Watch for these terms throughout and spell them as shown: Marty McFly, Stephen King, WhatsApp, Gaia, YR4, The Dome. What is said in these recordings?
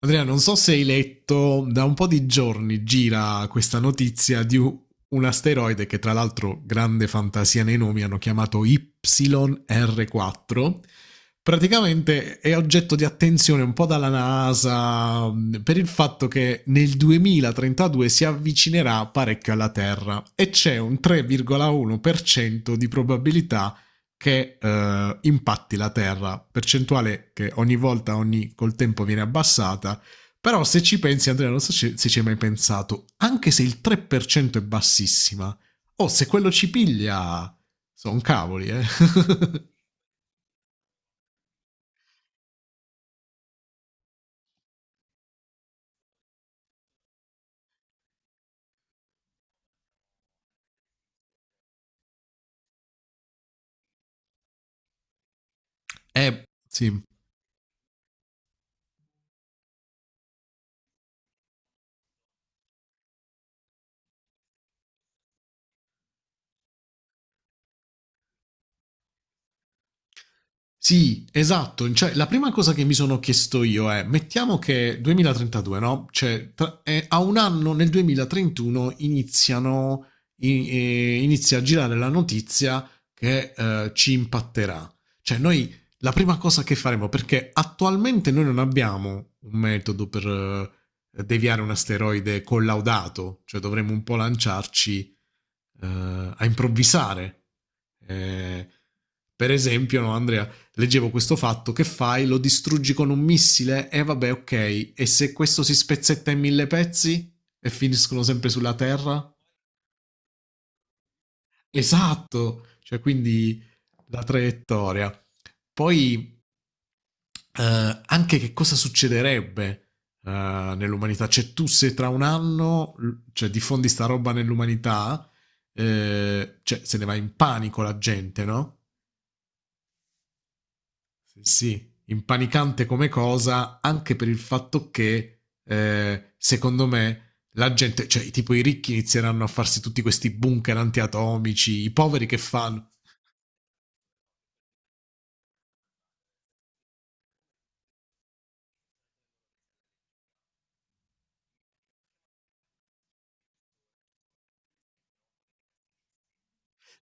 Andrea, non so se hai letto, da un po' di giorni gira questa notizia di un asteroide che tra l'altro, grande fantasia nei nomi, hanno chiamato YR4. Praticamente è oggetto di attenzione un po' dalla NASA per il fatto che nel 2032 si avvicinerà parecchio alla Terra e c'è un 3,1% di probabilità che impatti la Terra, percentuale che ogni volta, col tempo viene abbassata, però se ci pensi Andrea, non so se ci hai mai pensato, anche se il 3% è bassissima, oh, se quello ci piglia, sono cavoli, eh. Eh, sì. Sì, esatto. Cioè, la prima cosa che mi sono chiesto io è, mettiamo che 2032, no? Cioè, a un anno, nel 2031, iniziano, inizia a girare la notizia che ci impatterà. Cioè, noi la prima cosa che faremo, perché attualmente noi non abbiamo un metodo per deviare un asteroide collaudato, cioè dovremmo un po' lanciarci eh, a improvvisare. Eh, per esempio, no, Andrea, leggevo questo fatto, che fai? Lo distruggi con un missile? E vabbè, ok. E se questo si spezzetta in mille pezzi? E finiscono sempre sulla Terra? Esatto! Cioè, quindi la traiettoria. Poi anche che cosa succederebbe nell'umanità? Cioè, tu se tra un anno cioè, diffondi sta roba nell'umanità, cioè, se ne va in panico la gente, no? Sì, sì, impanicante come cosa, anche per il fatto che, secondo me, la gente, cioè tipo i ricchi inizieranno a farsi tutti questi bunker antiatomici, i poveri che fanno?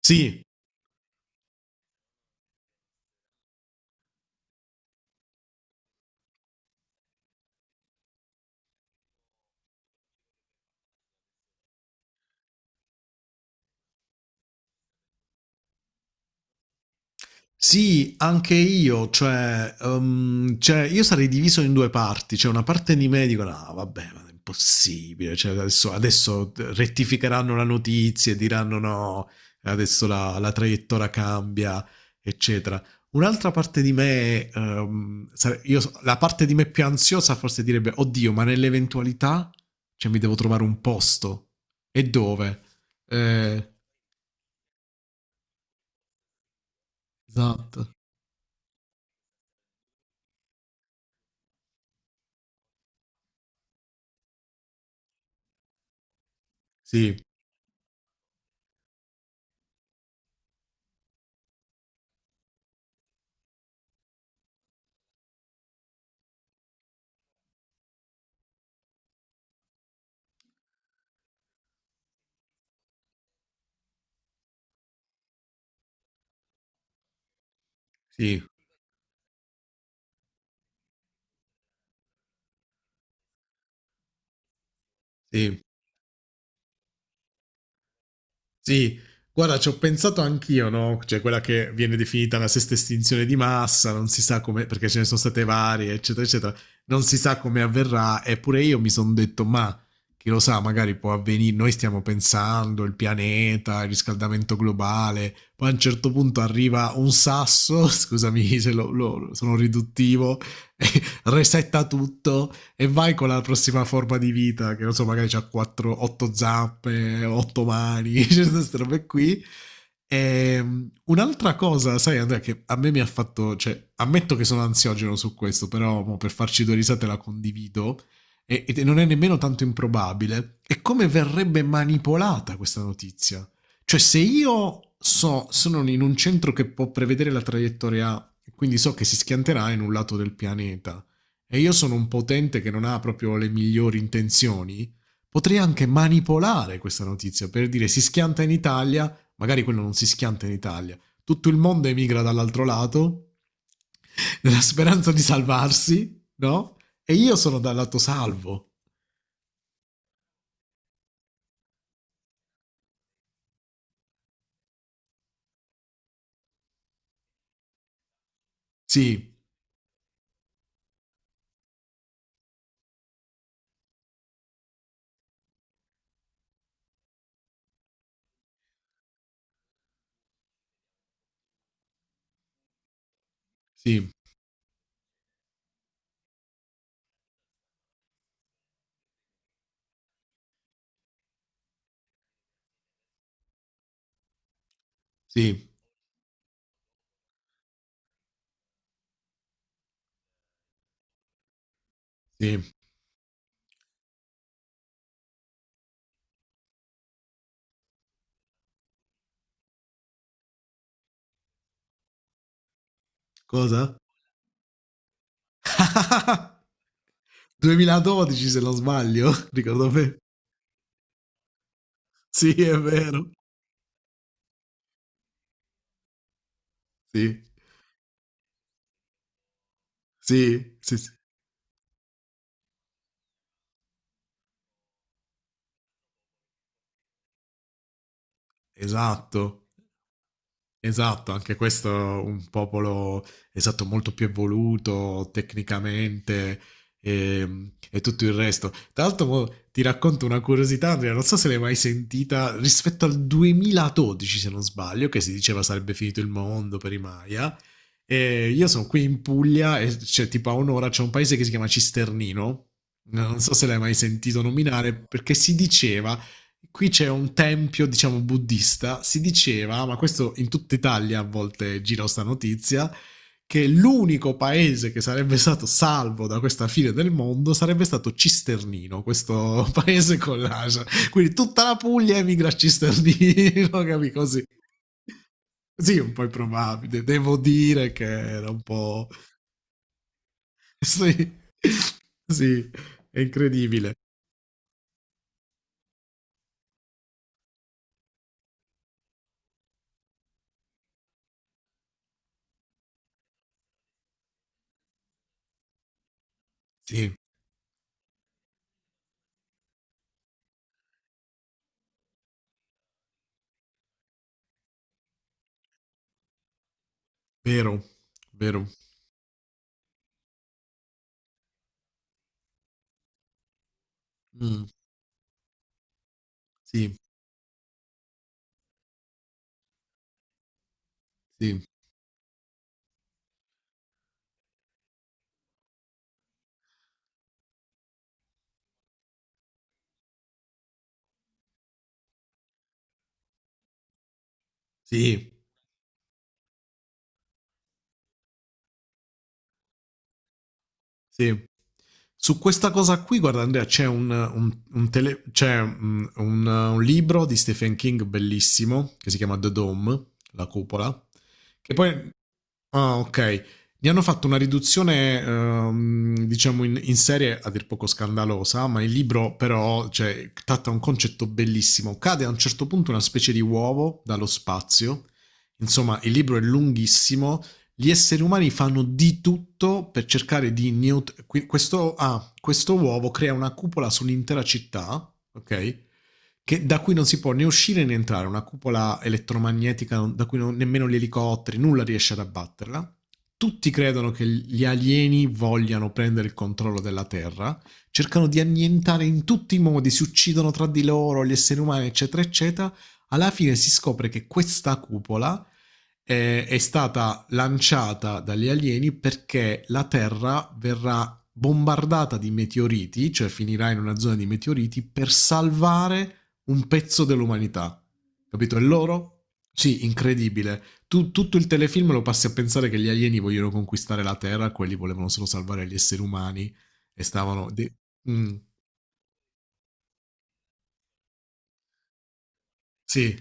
Sì, sì, anche io, cioè, cioè, io sarei diviso in due parti, cioè una parte di me dico no, vabbè, ma è impossibile, cioè, adesso rettificheranno la notizia e diranno no, adesso la traiettoria cambia, eccetera. Un'altra parte di me, la parte di me più ansiosa forse direbbe, oddio, ma nell'eventualità, cioè, mi devo trovare un posto. E dove? Eh, esatto. Sì, sì, sì. Sì, guarda, ci ho pensato anch'io, no? Cioè, quella che viene definita la sesta estinzione di massa, non si sa come, perché ce ne sono state varie, eccetera, eccetera, non si sa come avverrà, eppure io mi sono detto, ma chi lo sa, magari può avvenire, noi stiamo pensando, il pianeta, il riscaldamento globale, poi a un certo punto arriva un sasso, scusami se sono riduttivo, resetta tutto e vai con la prossima forma di vita, che non so, magari c'ha 4, 8 zappe, 8 mani, cioè queste robe qui. E, un'altra cosa, sai Andrea, che a me mi ha fatto, cioè, ammetto che sono ansiogeno su questo, però mo, per farci due risate la condivido, e non è nemmeno tanto improbabile, è come verrebbe manipolata questa notizia. Cioè, se io so, sono in un centro che può prevedere la traiettoria A, quindi so che si schianterà in un lato del pianeta, e io sono un potente che non ha proprio le migliori intenzioni, potrei anche manipolare questa notizia per dire si schianta in Italia, magari quello non si schianta in Italia, tutto il mondo emigra dall'altro lato nella speranza di salvarsi, no? E io sono dal lato salvo. Sì, sì, sì, sì. Cosa? 2012 se non sbaglio, ricordo me. Sì, è vero. Sì, sì, sì, sì. Esatto. Esatto, anche questo è un popolo esatto, molto più evoluto tecnicamente e tutto il resto. Tra l'altro mo ti racconto una curiosità, Andrea, non so se l'hai mai sentita, rispetto al 2012, se non sbaglio, che si diceva sarebbe finito il mondo per i Maya. E io sono qui in Puglia e c'è tipo a un'ora c'è un paese che si chiama Cisternino. Non so se l'hai mai sentito nominare perché si diceva. Qui c'è un tempio, diciamo, buddista. Si diceva, ma questo in tutta Italia a volte gira sta notizia, che l'unico paese che sarebbe stato salvo da questa fine del mondo sarebbe stato Cisternino, questo paese con l'Asia. Quindi tutta la Puglia emigra a Cisternino, capi così. Sì, un po' improbabile. Devo dire che era un po'... Sì, sì, è incredibile. Sì, vero, vero. Mm, sì, sì. Sì, sì. Su questa cosa qui, guarda Andrea, c'è un tele- c'è, mm, un libro di Stephen King bellissimo che si chiama The Dome, la cupola, che poi... Ah, ok. Ne hanno fatto una riduzione, diciamo, in serie a dir poco scandalosa, ma il libro però, cioè, tratta un concetto bellissimo. Cade a un certo punto una specie di uovo dallo spazio. Insomma, il libro è lunghissimo. Gli esseri umani fanno di tutto per cercare di questo uovo crea una cupola sull'intera città, ok? Che da cui non si può né uscire né entrare, una cupola elettromagnetica da cui nemmeno gli elicotteri, nulla riesce ad abbatterla. Tutti credono che gli alieni vogliano prendere il controllo della Terra, cercano di annientare in tutti i modi, si uccidono tra di loro gli esseri umani, eccetera, eccetera. Alla fine si scopre che questa cupola è stata lanciata dagli alieni perché la Terra verrà bombardata di meteoriti, cioè finirà in una zona di meteoriti, per salvare un pezzo dell'umanità. Capito? E loro? Sì, incredibile. Tutto il telefilm lo passi a pensare che gli alieni vogliono conquistare la Terra, quelli volevano solo salvare gli esseri umani e stavano. Mm, sì,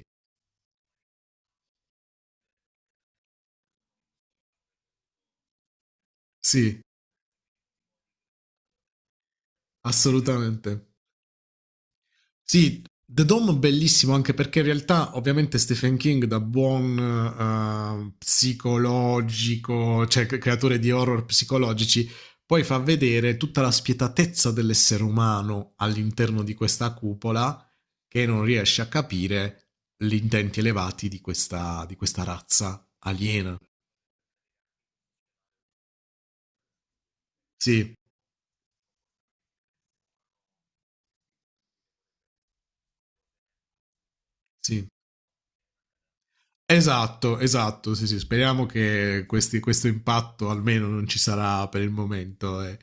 sì, assolutamente. Sì, The Dome bellissimo anche perché in realtà ovviamente Stephen King da buon psicologico, cioè creatore di horror psicologici, poi fa vedere tutta la spietatezza dell'essere umano all'interno di questa cupola che non riesce a capire gli intenti elevati di di questa razza aliena. Sì, sì. Esatto, esatto, sì, sì, speriamo che questo impatto almeno non ci sarà per il momento, eh.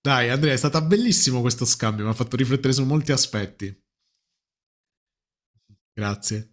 Dai, Andrea, è stato bellissimo questo scambio, mi ha fatto riflettere su molti aspetti. Grazie.